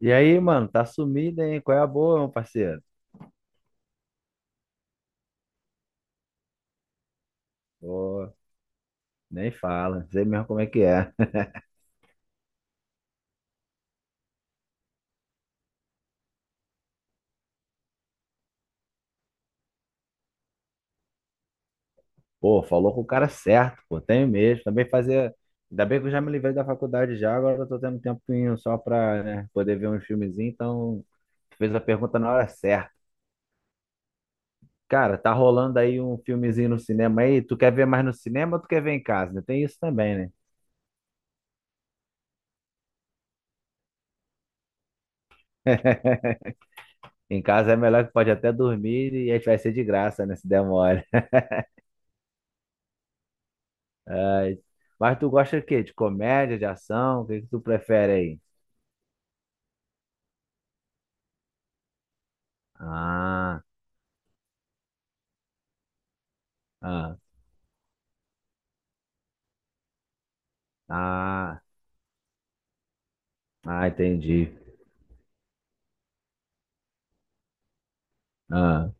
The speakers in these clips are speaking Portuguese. E aí, mano, tá sumido, hein? Qual é a boa, meu parceiro? Pô, nem fala, não sei mesmo como é que é. Pô, falou com o cara certo, pô, tenho mesmo. Também fazer. Ainda bem que eu já me livrei da faculdade já, agora eu tô tendo um tempinho só pra, né, poder ver um filmezinho, então fez a pergunta na hora certa. Cara, tá rolando aí um filmezinho no cinema aí, tu quer ver mais no cinema ou tu quer ver em casa? Né? Tem isso também, né? Em casa é melhor que pode até dormir e a gente vai ser de graça, né, se der mole. É, mas tu gosta de quê? De comédia, de ação? O que que tu prefere aí? Ah, ah, ah, ah, entendi. Ah,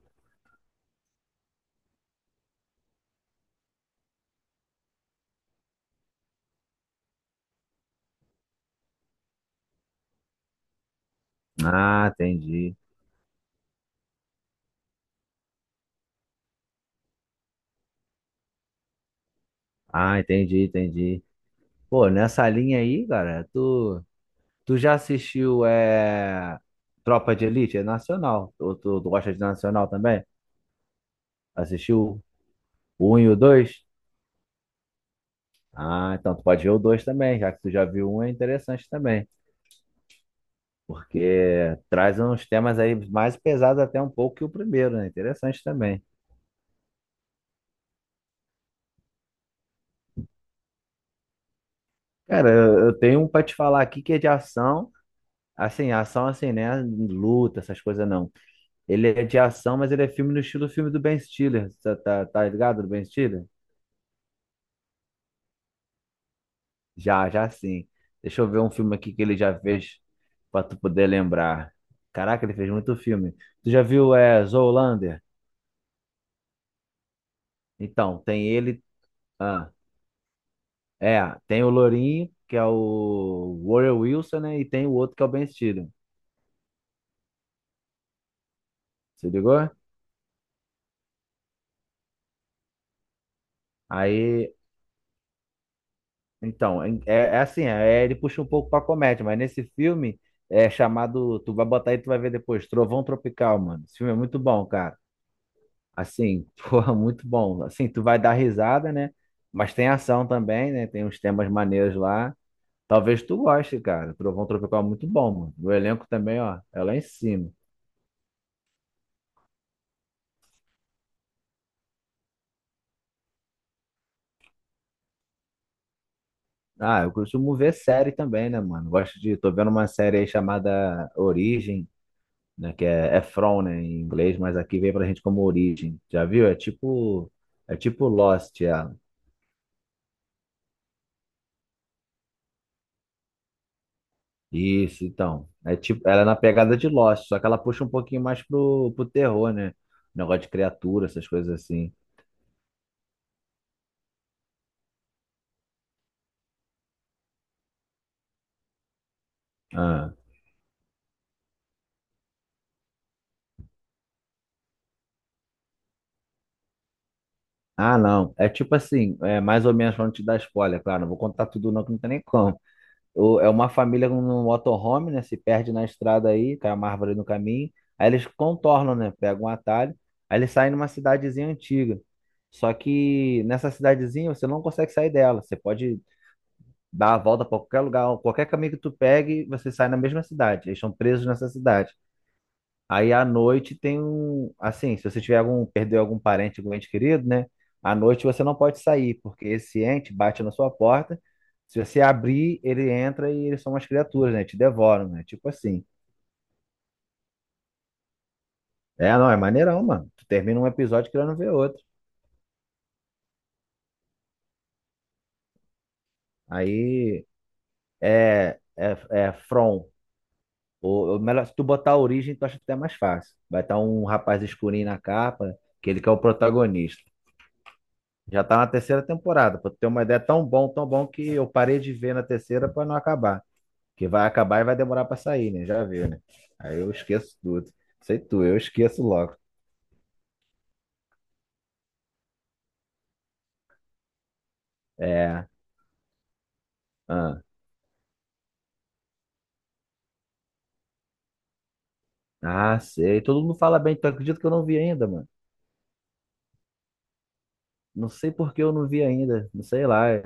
ah, entendi. Ah, entendi, entendi. Pô, nessa linha aí, cara, tu já assistiu Tropa de Elite? É nacional. Tu gosta de nacional também? Assistiu o 1 e o 2? Ah, então tu pode ver o dois também, já que tu já viu um, é interessante também. Porque traz uns temas aí mais pesados até um pouco que o primeiro, né? Interessante também. Cara, eu tenho um pra te falar aqui que é de ação assim, né? Luta, essas coisas não. Ele é de ação, mas ele é filme no estilo filme do Ben Stiller. Tá ligado do Ben Stiller? Já, já sim. Deixa eu ver um filme aqui que ele já fez pra tu poder lembrar. Caraca, ele fez muito filme. Tu já viu Zoolander? Então, tem ele. Ah, é, tem o Lourinho, que é o Warren Wilson, né? E tem o outro que é o Ben Stiller. Se ligou? Aí, então, é assim, ele puxa um pouco pra comédia, mas nesse filme é chamado. Tu vai botar aí, tu vai ver depois, Trovão Tropical, mano. Esse filme é muito bom, cara. Assim, porra, muito bom. Assim, tu vai dar risada, né? Mas tem ação também, né? Tem uns temas maneiros lá. Talvez tu goste, cara. Trovão Tropical é muito bom, mano. O elenco também, ó, é lá em cima. Ah, eu costumo ver série também, né, mano? Gosto de. Tô vendo uma série aí chamada Origem, né? Que é From, né, em inglês, mas aqui vem pra gente como Origem. Já viu? É tipo Lost, ela. Isso, então. É tipo, ela é na pegada de Lost, só que ela puxa um pouquinho mais pro terror, né? Negócio de criatura, essas coisas assim. Ah, ah, não. É tipo assim, é mais ou menos pra não te dar spoiler, claro. Não vou contar tudo, não, que não tem nem como. É uma família no motorhome, né? Se perde na estrada aí, cai uma árvore no caminho. Aí eles contornam, né? Pegam um atalho. Aí eles saem numa cidadezinha antiga. Só que nessa cidadezinha você não consegue sair dela. Você pode dar a volta para qualquer lugar, qualquer caminho que tu pegue, você sai na mesma cidade. Eles estão presos nessa cidade. Aí à noite tem um, assim, se você tiver algum, perdeu algum parente, algum ente querido, né? À noite você não pode sair, porque esse ente bate na sua porta. Se você abrir, ele entra e eles são umas criaturas, né? Te devoram, né? Tipo assim. É, não, é maneirão, mano. Tu termina um episódio querendo ver outro. Aí é From. Ou melhor, se tu botar a origem, tu acha até mais fácil. Vai estar um rapaz escurinho na capa, que ele que é o protagonista. Já tá na terceira temporada, pra tu ter uma ideia, é tão bom que eu parei de ver na terceira pra não acabar. Porque vai acabar e vai demorar pra sair, né? Já viu, né? Aí eu esqueço tudo. Sei tu, eu esqueço logo. É. Ah, ah, sei. Todo mundo fala bem, tu acredita que eu não vi ainda, mano? Não sei por que eu não vi ainda. Não sei lá. É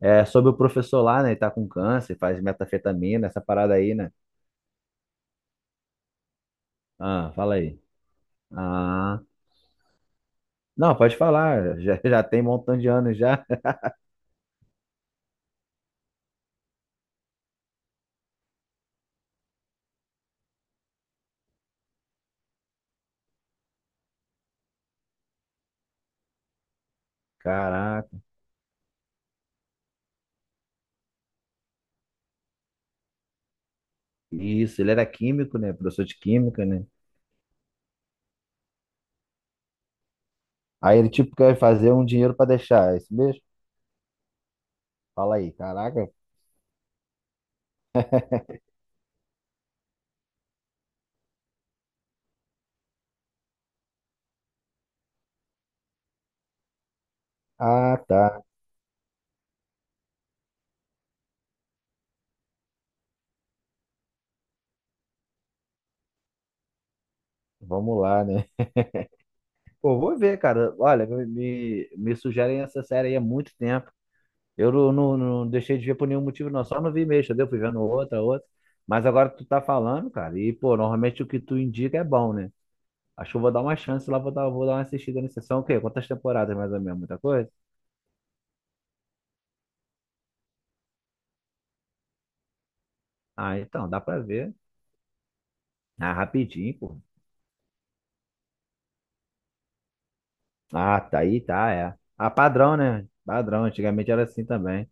é sobre o professor lá, né? Ele tá com câncer, faz metafetamina, essa parada aí, né? Ah, fala aí. Ah. Não, pode falar. Já tem um montão de anos já. Caraca. Isso, ele era químico, né? Professor de química, né? Aí ele tipo quer fazer um dinheiro pra deixar, é isso mesmo? Fala aí, caraca. Ah, tá. Vamos lá, né? Pô, vou ver, cara. Olha, me sugerem essa série aí há muito tempo. Eu não, não, não deixei de ver por nenhum motivo, não. Só não vi mesmo, entendeu? Fui vendo outra, outra. Mas agora tu tá falando, cara. E, pô, normalmente o que tu indica é bom, né? Acho que eu vou dar uma chance lá, vou dar uma assistida nessa sessão. O quê? Quantas temporadas mais ou menos? Muita coisa? Ah, então, dá pra ver. Ah, rapidinho, pô. Ah, tá aí, tá, é. Ah, padrão, né? Padrão, antigamente era assim também.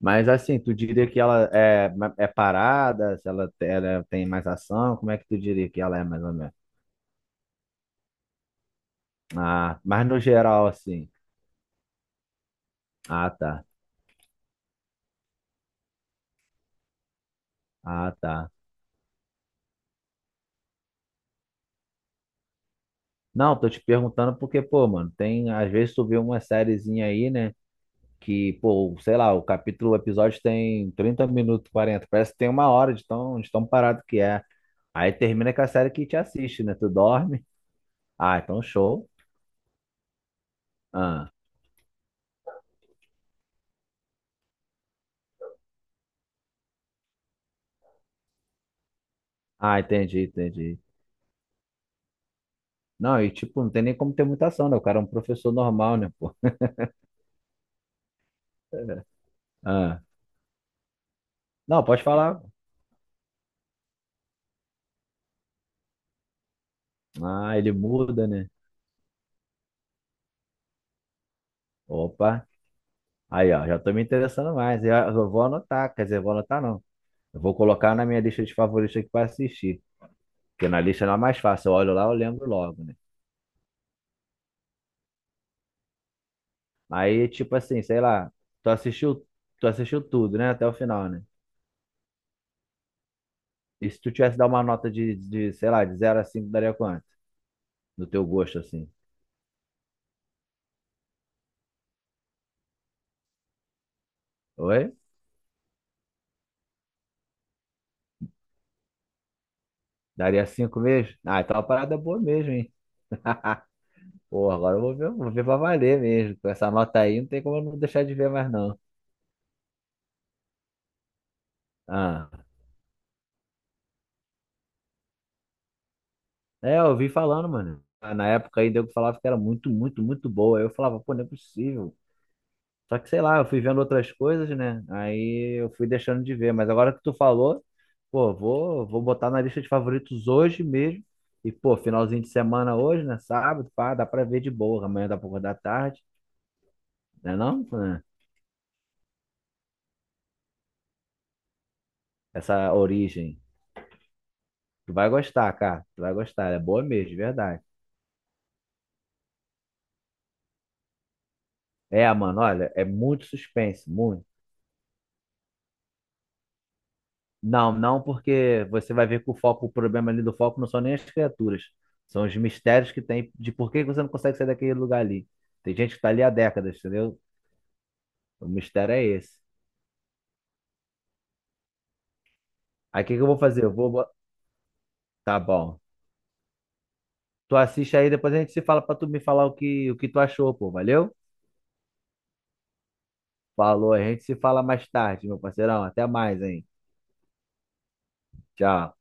Mas assim, tu diria que ela é, é parada, se ela, ela tem mais ação, como é que tu diria que ela é mais ou menos? Ah, mas no geral, assim. Ah, tá. Ah, tá. Não, tô te perguntando porque, pô, mano, tem, às vezes tu vê uma sériezinha aí, né? Que, pô, sei lá, o capítulo, o episódio tem 30 minutos, 40. Parece que tem 1 hora de tão parado que é. Aí termina com a série que te assiste, né? Tu dorme. Ah, então show. Ah. Ah, entendi, entendi. Não, e tipo, não tem nem como ter muita ação, né? O cara é um professor normal, né, pô? Ah, não, pode falar. Ah, ele muda, né? Opa, aí ó, já tô me interessando mais. Eu vou anotar, quer dizer, eu vou anotar não. Eu vou colocar na minha lista de favoritos aqui pra assistir. Porque na lista não é mais fácil. Eu olho lá, eu lembro logo, né? Aí, tipo assim, sei lá, tu assistiu, tu assistiu tudo, né? Até o final, né? E se tu tivesse dar uma nota sei lá, de zero a 5, daria quanto? Do teu gosto, assim. Oi? Daria cinco mesmo? Ah, então é uma parada é boa mesmo, hein? Pô, agora eu vou ver, pra valer mesmo. Com essa nota aí, não tem como eu não deixar de ver mais, não. Ah, é, eu vi falando, mano. Ah, na época aí, eu falava que era muito, muito, muito boa. Aí eu falava, pô, não é possível. Só que, sei lá, eu fui vendo outras coisas, né? Aí eu fui deixando de ver. Mas agora que tu falou, pô, vou botar na lista de favoritos hoje mesmo. E, pô, finalzinho de semana hoje, né? Sábado, pá, dá pra ver de boa. Amanhã dá pra acordar tarde, né não? Né? Essa origem. Tu vai gostar, cara. Tu vai gostar. Ela é boa mesmo, de verdade. É, mano, olha, é muito suspense, muito. Não, não, porque você vai ver que o foco, o problema ali do foco não são nem as criaturas. São os mistérios que tem de por que você não consegue sair daquele lugar ali. Tem gente que tá ali há décadas, entendeu? O mistério é esse. Aí o que que eu vou fazer? Eu vou. Tá bom. Tu assiste aí, depois a gente se fala pra tu me falar o que tu achou, pô. Valeu? Falou, a gente se fala mais tarde, meu parceirão. Até mais, hein? Tchau.